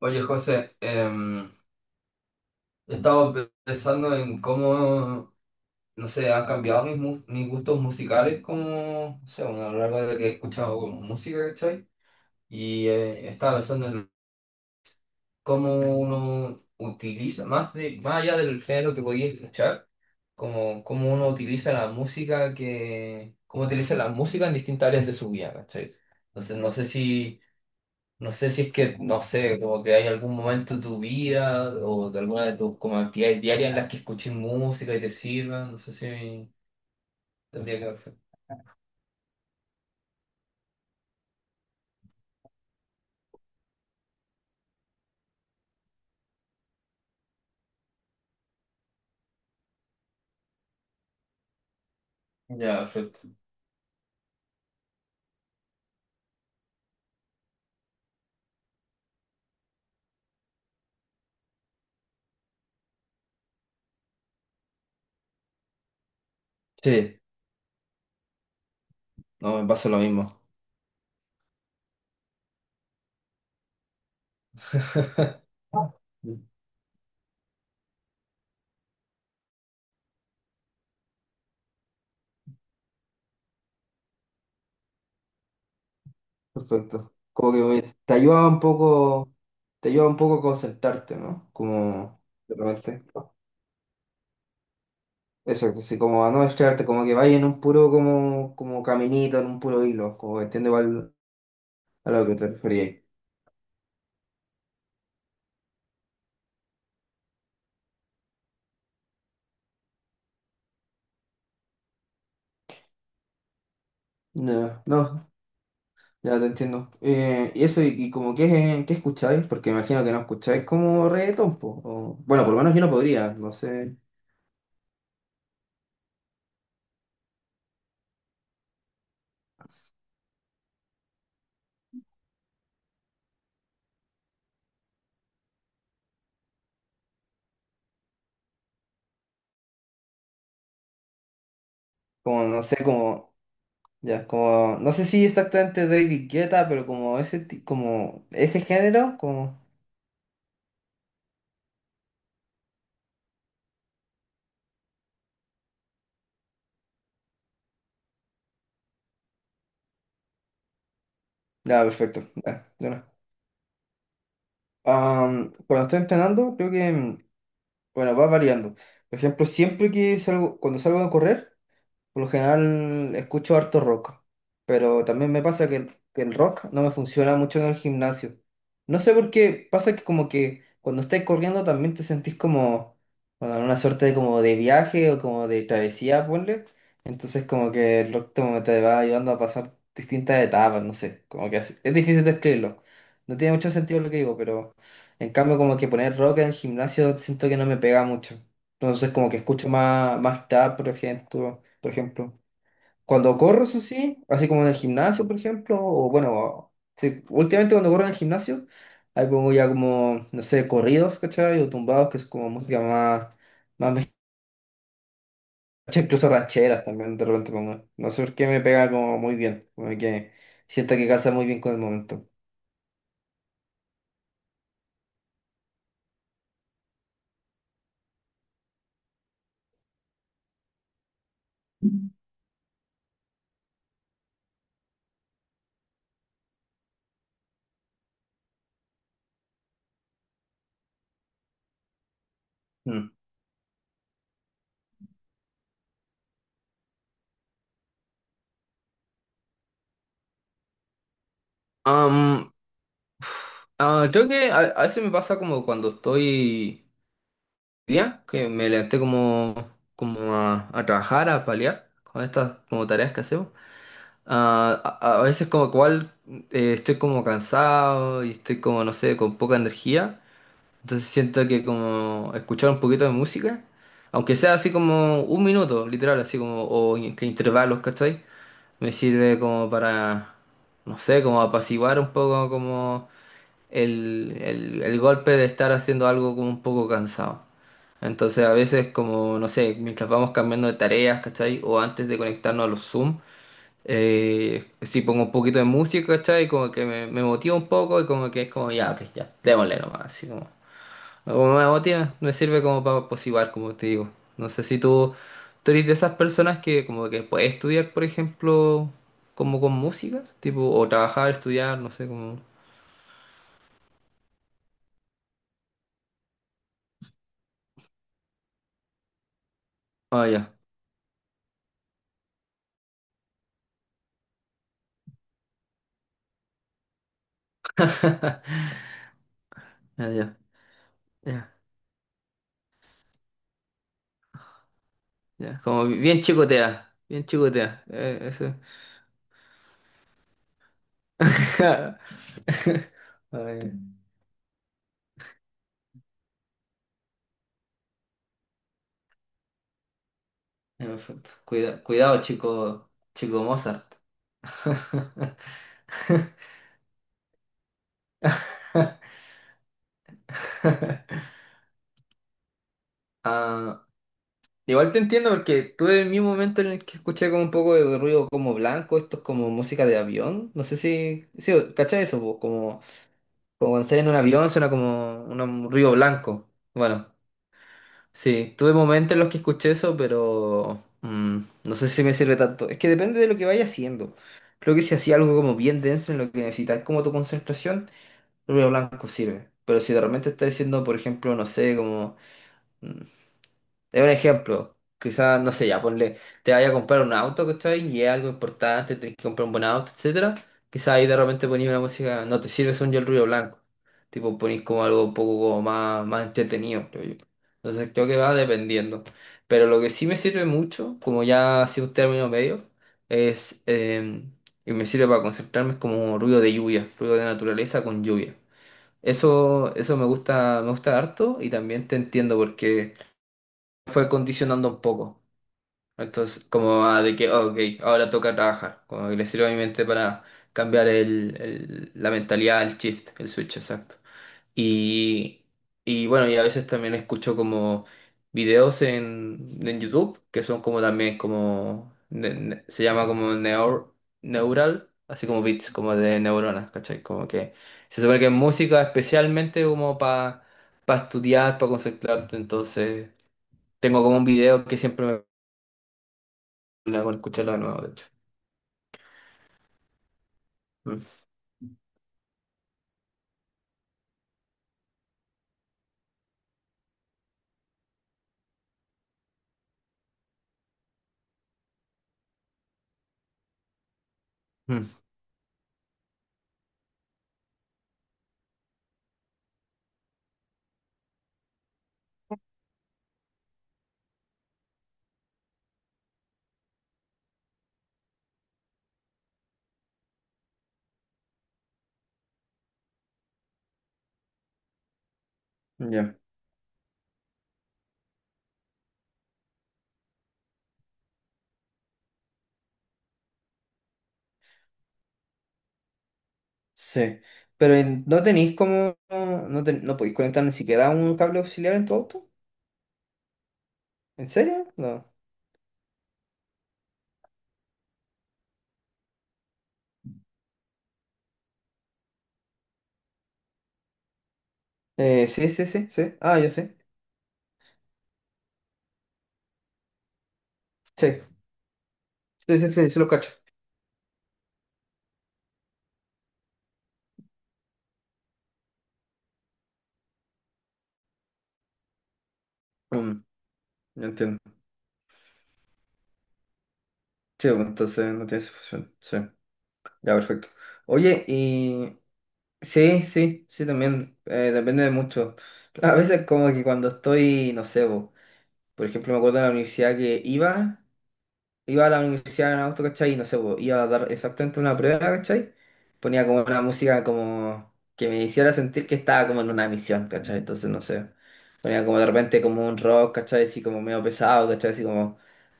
Oye, José, he estado pensando en cómo, no sé, han cambiado mis gustos musicales como, no sé, bueno, a lo largo de que he escuchado como música, ¿cachai? Y estaba pensando en cómo uno utiliza, más, de, más allá del género que podía escuchar, como cómo uno utiliza cómo utiliza la música en distintas áreas de su vida, ¿cachai? Entonces, no sé si es que, no sé, como que hay algún momento de tu vida o de alguna de tus como actividades diarias en las que escuches música y te sirva, no sé si tendría que ver. Ya, perfecto. Sí, no, me pasa lo mismo. Mm. Perfecto. Te ayuda un poco, te ayuda un poco a concentrarte, ¿no? Como de repente. Exacto, sí, como a no distraerte, como que vaya en un puro como, como caminito, en un puro hilo, como que entiende igual a lo que te referías. No, no. Ya te entiendo. Y eso, y como qué, qué escucháis, porque imagino que no escucháis como reggaetón, po, bueno, por lo menos yo no podría, no sé, como, no sé, como, ya, como, no sé si exactamente David Guetta, pero como ese, como, ese género, como, ya, perfecto, ya, yo no. Cuando estoy entrenando, creo que, bueno, va variando. Por ejemplo, cuando salgo a correr, por lo general escucho harto rock, pero también me pasa que que el rock no me funciona mucho en el gimnasio. No sé por qué, pasa que como que cuando estáis corriendo también te sentís como, bueno, en una suerte de como de viaje o como de travesía, ponle. Entonces como que el rock como te va ayudando a pasar distintas etapas, no sé, es difícil describirlo. No tiene mucho sentido lo que digo, pero en cambio como que poner rock en el gimnasio siento que no me pega mucho. Entonces como que escucho más, más trap, por ejemplo. Cuando corro, eso sí, así como en el gimnasio, por ejemplo, o bueno, sí, últimamente cuando corro en el gimnasio, ahí pongo ya como, no sé, corridos, ¿cachai? O tumbados, que es como música más, ¿cachai? Incluso rancheras también de repente pongo. No sé por qué me pega como muy bien, como que siento que calza muy bien con el momento. Mm. Am, creo que a veces me pasa como cuando estoy día, que me levanté como, como a trabajar, a paliar con estas como tareas que hacemos. A veces como cual estoy como cansado y estoy como, no sé, con poca energía. Entonces siento que como escuchar un poquito de música, aunque sea así como un minuto, literal, así como, que intervalos, ¿cachai? Me sirve como para, no sé, como apaciguar un poco como el golpe de estar haciendo algo como un poco cansado. Entonces a veces como, no sé, mientras vamos cambiando de tareas, ¿cachai? O antes de conectarnos a los Zoom. Sí, pongo un poquito de música, ¿cachai? Como que me motiva un poco y como que es como, ya, ok, ya, démosle nomás, así como. No, como me motiva, me sirve como para posiguar, como te digo. No sé si tú, tú eres de esas personas que como que puedes estudiar, por ejemplo, como con música, tipo, o trabajar, estudiar, no sé, como... Ah, ya, ya, ya, ya, ya. Como bien chicotea, eso. Ay, en efecto. Cuidado, chico, chico Mozart. Ah, igual te entiendo porque tuve el mismo momento en el que escuché como un poco de ruido como blanco, esto es como música de avión, no sé si, sí, ¿cachai eso? ¿Po? Como, como cuando estás en un avión suena como un ruido blanco. Bueno, sí, tuve momentos en los que escuché eso, pero no sé si me sirve tanto. Es que depende de lo que vaya haciendo. Creo que si hacía algo como bien denso en lo que necesitas como tu concentración, el ruido blanco sirve. Pero si de repente estás haciendo, por ejemplo, no sé, como... mm, es un ejemplo. Quizás, no sé, ya ponle, te vaya a comprar un auto, ¿cachai? Y es algo importante, tenés que comprar un buen auto, etcétera. Quizás ahí de repente ponís una música, no te sirve son yo el ruido blanco. Tipo, ponís como algo un poco como más, más entretenido, creo yo. Entonces creo que va dependiendo. Pero lo que sí me sirve mucho, como ya ha sido un término medio, es y me sirve para concentrarme, es como ruido de lluvia, ruido de naturaleza con lluvia. Eso me gusta harto y también te entiendo porque fue condicionando un poco. Entonces, como ah, de que, oh, ok, ahora toca trabajar. Como que le sirve a mi mente para cambiar la mentalidad, el shift, el switch, exacto. Y, y bueno, y a veces también escucho como videos en YouTube, que son como también como, se llama como neural, así como bits, como de neuronas, ¿cachai? Como que se supone que es música especialmente como para estudiar, para concentrarte, entonces... Tengo como un video que siempre me pone con escucharlo de nuevo, de hecho. Mm, mm. Ya, sí. Pero en- no tenéis como. No, no podéis conectar ni siquiera un cable auxiliar en tu auto. ¿En serio? No. Sí, sí, sí, sí. Ah, yo sé. Sí, sí, sí, sí, sí lo cacho. Mm, ya entiendo. Sí, bueno, entonces no tiene solución. Sí, ya, perfecto. Oye, y. Sí, sí, sí, también. Depende de mucho. A veces, como que cuando estoy, no sé, bo, por ejemplo, me acuerdo de la universidad que iba. Iba a la universidad en agosto, ¿cachai? Y no sé, po, iba a dar exactamente una prueba, ¿cachai? Ponía como una música como que me hiciera sentir que estaba como en una misión, ¿cachai? Entonces, no sé, ponía como de repente como un rock, ¿cachai? Así como medio pesado, ¿cachai? Así como,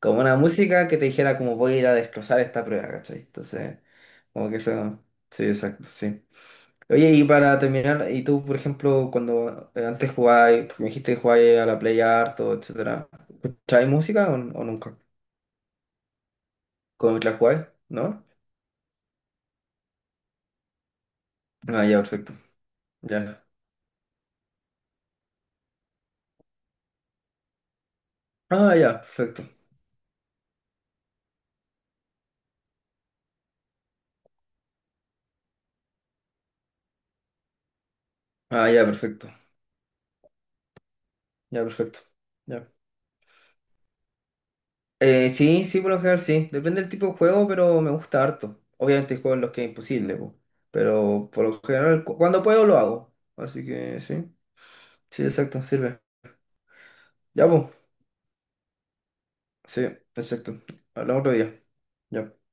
como una música que te dijera como voy a ir a destrozar esta prueba, ¿cachai? Entonces, como que eso, sí, exacto, sí. Oye, y para terminar, y tú, por ejemplo, cuando antes jugabas, me dijiste que jugabas a la Play harto, etcétera, ¿escuchabas música o nunca? ¿Cómo la jugabas? ¿No? Ah, ya, perfecto. Ya. Ah, ya, perfecto. Ah, ya, perfecto. Ya, perfecto. Ya. Sí, sí, por lo general sí. Depende del tipo de juego, pero me gusta harto. Obviamente hay juegos en los que es imposible, po. Pero por lo general, cuando puedo lo hago. Así que sí. Sí, exacto, sirve. Ya, pues. Sí, exacto. Hablamos otro día. Ya.